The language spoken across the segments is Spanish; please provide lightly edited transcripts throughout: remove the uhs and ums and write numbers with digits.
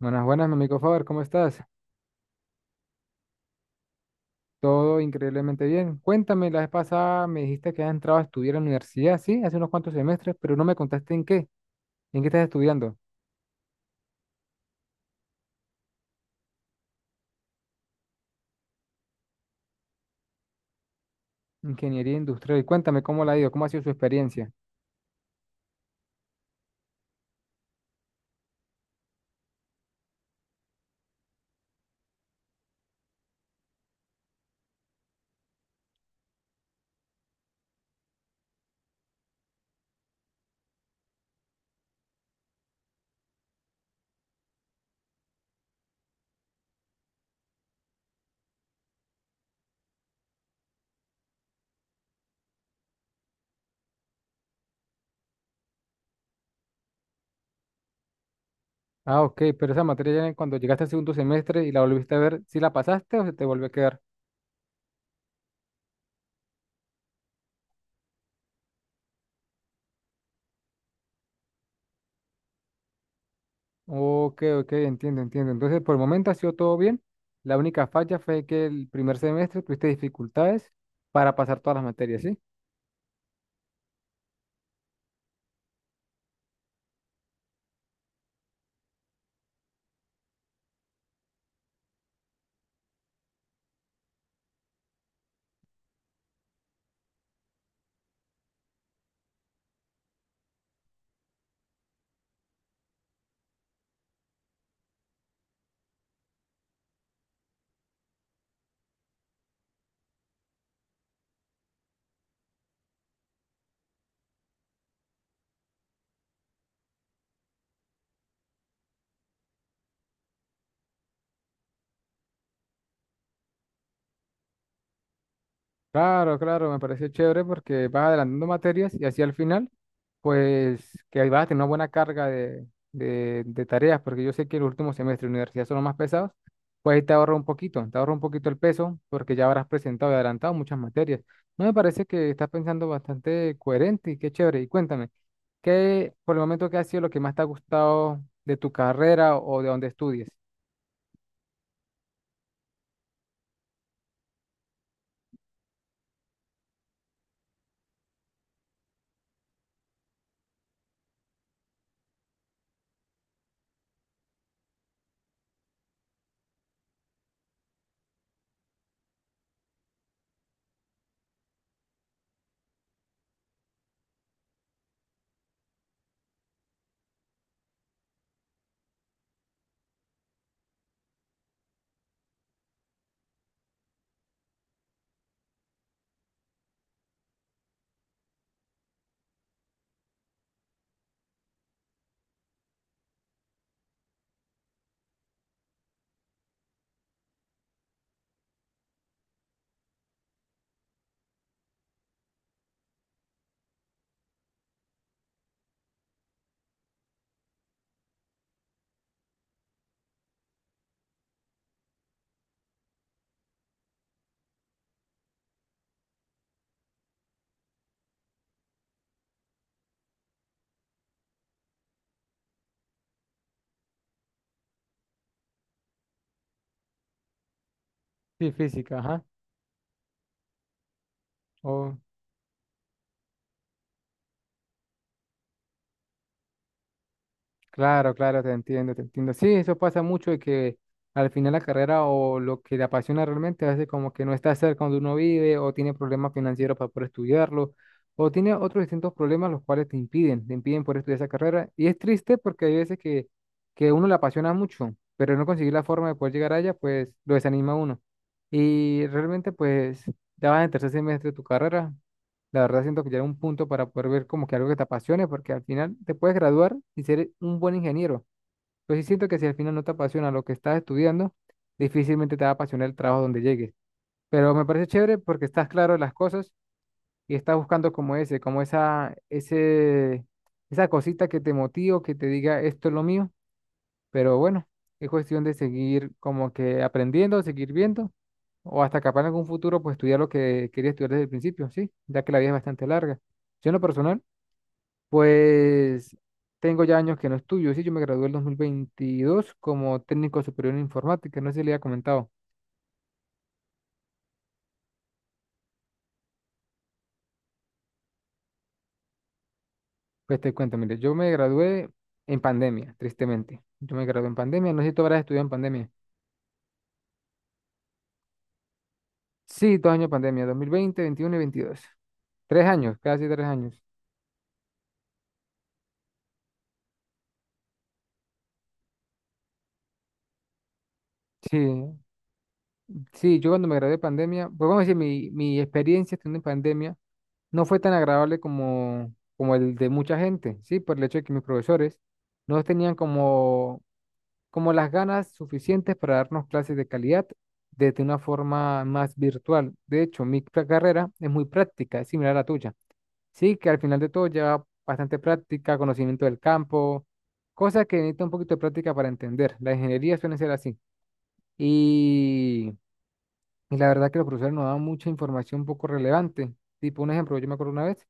Buenas, buenas, mi amigo Faber, ¿cómo estás? Todo increíblemente bien. Cuéntame, la vez pasada me dijiste que has entrado a estudiar a la universidad, sí, hace unos cuantos semestres, pero no me contaste en qué estás estudiando. Ingeniería industrial. Cuéntame cómo la ha ido, cómo ha sido su experiencia. Ah, ok, pero esa materia ya cuando llegaste al segundo semestre y la volviste a ver, ¿sí la pasaste o se te volvió a quedar? Ok, ok, entiendo, entiendo. Entonces, por el momento ha sido todo bien. La única falla fue que el primer semestre tuviste dificultades para pasar todas las materias, ¿sí? Claro, claro, me pareció chévere porque vas adelantando materias y así al final, pues que ahí vas a tener una buena carga de, de tareas, porque yo sé que los últimos semestres de universidad son los más pesados, pues ahí te ahorra un poquito, te ahorra un poquito el peso porque ya habrás presentado y adelantado muchas materias. No me parece que estás pensando bastante coherente y qué chévere. Y cuéntame, ¿qué por el momento qué ha sido lo que más te ha gustado de tu carrera o de donde estudies? Sí, física, ajá. Claro, claro, te entiendo, te entiendo. Sí, eso pasa mucho de que al final la carrera o lo que le apasiona realmente a veces como que no está cerca donde uno vive o tiene problemas financieros para poder estudiarlo o tiene otros distintos problemas los cuales te impiden poder estudiar esa carrera. Y es triste porque hay veces que uno le apasiona mucho, pero no conseguir la forma de poder llegar allá, pues lo desanima a uno. Y realmente pues ya vas en tercer semestre de tu carrera, la verdad siento que ya era un punto para poder ver como que algo que te apasione, porque al final te puedes graduar y ser un buen ingeniero. Pero sí siento que si al final no te apasiona lo que estás estudiando, difícilmente te va a apasionar el trabajo donde llegues. Pero me parece chévere porque estás claro de las cosas y estás buscando como ese, como esa, esa cosita que te motive que te diga esto es lo mío. Pero bueno, es cuestión de seguir como que aprendiendo, seguir viendo, o hasta capaz en algún futuro, pues estudiar lo que quería estudiar desde el principio, sí, ya que la vida es bastante larga. Yo en lo personal, pues tengo ya años que no estudio, sí, yo me gradué en 2022 como técnico superior en informática, no sé si le había comentado. Pues te cuento, mire, yo me gradué en pandemia, tristemente. Yo me gradué en pandemia, no sé si tú habrás estudiado en pandemia. Sí, dos años de pandemia, 2020, 21 y veintidós. Tres años, casi tres años. Sí, sí, yo cuando me gradué de pandemia, pues vamos a decir, mi experiencia estando en pandemia no fue tan agradable como, como el de mucha gente, ¿sí? Por el hecho de que mis profesores no tenían como, como las ganas suficientes para darnos clases de calidad desde una forma más virtual. De hecho, carrera es muy práctica, es similar a la tuya, ¿sí? Que al final de todo lleva bastante práctica, conocimiento del campo, cosas que necesita un poquito de práctica para entender. La ingeniería suele ser así. Y... Y la verdad que los profesores nos daban mucha información poco relevante. Tipo, un ejemplo, yo me acuerdo una vez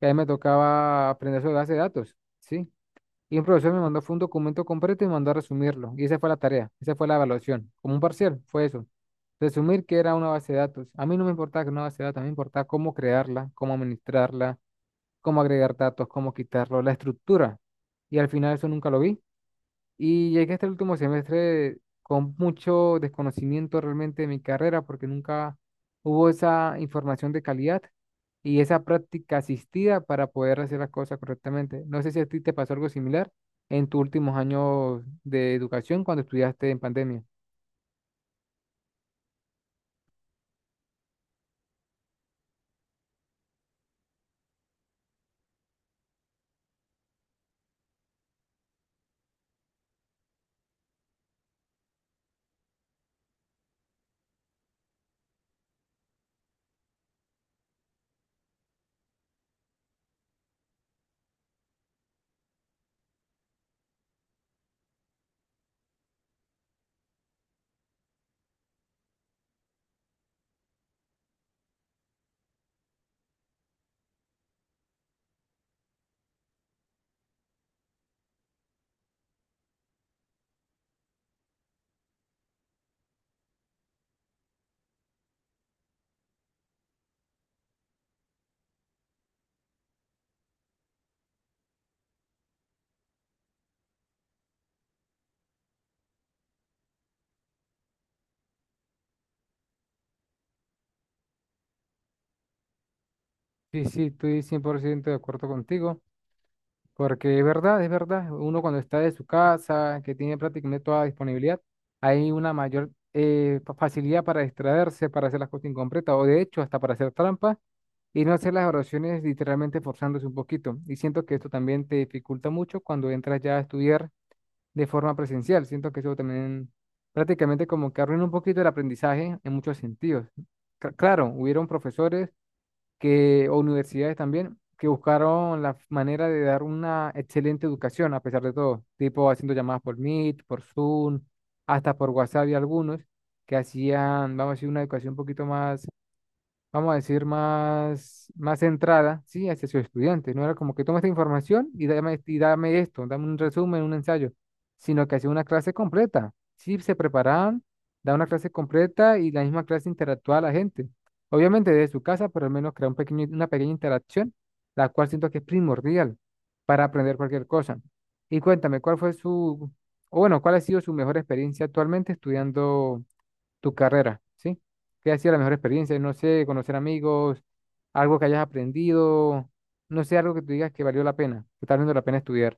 que a mí me tocaba aprender sobre base de datos, ¿sí? Y un profesor me mandó fue un documento completo y me mandó a resumirlo. Y esa fue la tarea, esa fue la evaluación. Como un parcial, fue eso. Resumir qué era una base de datos. A mí no me importaba que era una base de datos, a mí me importaba cómo crearla, cómo administrarla, cómo agregar datos, cómo quitarlo, la estructura. Y al final eso nunca lo vi. Y llegué hasta el último semestre con mucho desconocimiento realmente de mi carrera, porque nunca hubo esa información de calidad y esa práctica asistida para poder hacer las cosas correctamente. No sé si a ti te pasó algo similar en tus últimos años de educación cuando estudiaste en pandemia. Sí, sí, estoy 100% de acuerdo contigo. Porque es verdad, uno cuando está de su casa, que tiene prácticamente toda disponibilidad, hay una mayor facilidad para distraerse, para hacer las cosas incompletas, o de hecho hasta para hacer trampas y no hacer las oraciones literalmente forzándose un poquito. Y siento que esto también te dificulta mucho cuando entras ya a estudiar de forma presencial. Siento que eso también prácticamente como que arruina un poquito el aprendizaje en muchos sentidos. Claro, hubieron profesores que, o universidades también, que buscaron la manera de dar una excelente educación a pesar de todo, tipo haciendo llamadas por Meet, por Zoom, hasta por WhatsApp y algunos que hacían, vamos a decir, una educación un poquito más vamos a decir, más, más centrada, ¿sí? Hacia su estudiante. No era como que toma esta información y dame esto, dame un resumen, un ensayo, sino que hacía una clase completa. Sí, se preparaban, da una clase completa y la misma clase interactuaba a la gente. Obviamente desde su casa, pero al menos crea un pequeño, una pequeña interacción, la cual siento que es primordial para aprender cualquier cosa. Y cuéntame, ¿cuál fue su, o bueno, cuál ha sido su mejor experiencia actualmente estudiando tu carrera, ¿sí? ¿Qué ha sido la mejor experiencia? No sé, conocer amigos, algo que hayas aprendido, no sé, algo que tú digas que valió la pena, que está valiendo la pena estudiar.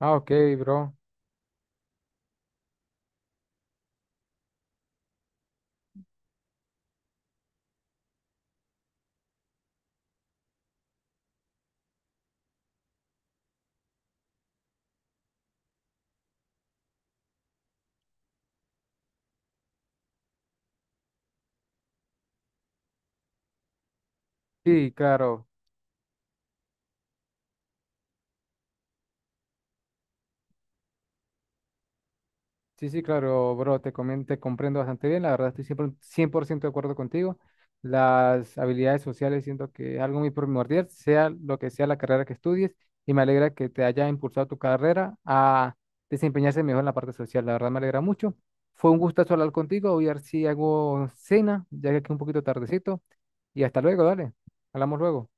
Ah, ok, bro. Sí, claro. Sí, sí, claro, bro, te comento, te comprendo bastante bien. La verdad, estoy siempre 100% de acuerdo contigo. Las habilidades sociales siento que es algo muy primordial, sea lo que sea la carrera que estudies, y me alegra que te haya impulsado tu carrera a desempeñarse mejor en la parte social. La verdad, me alegra mucho. Fue un gustazo hablar contigo. Voy a ver si hago cena, ya que aquí es un poquito tardecito. Y hasta luego, dale. Hablamos luego.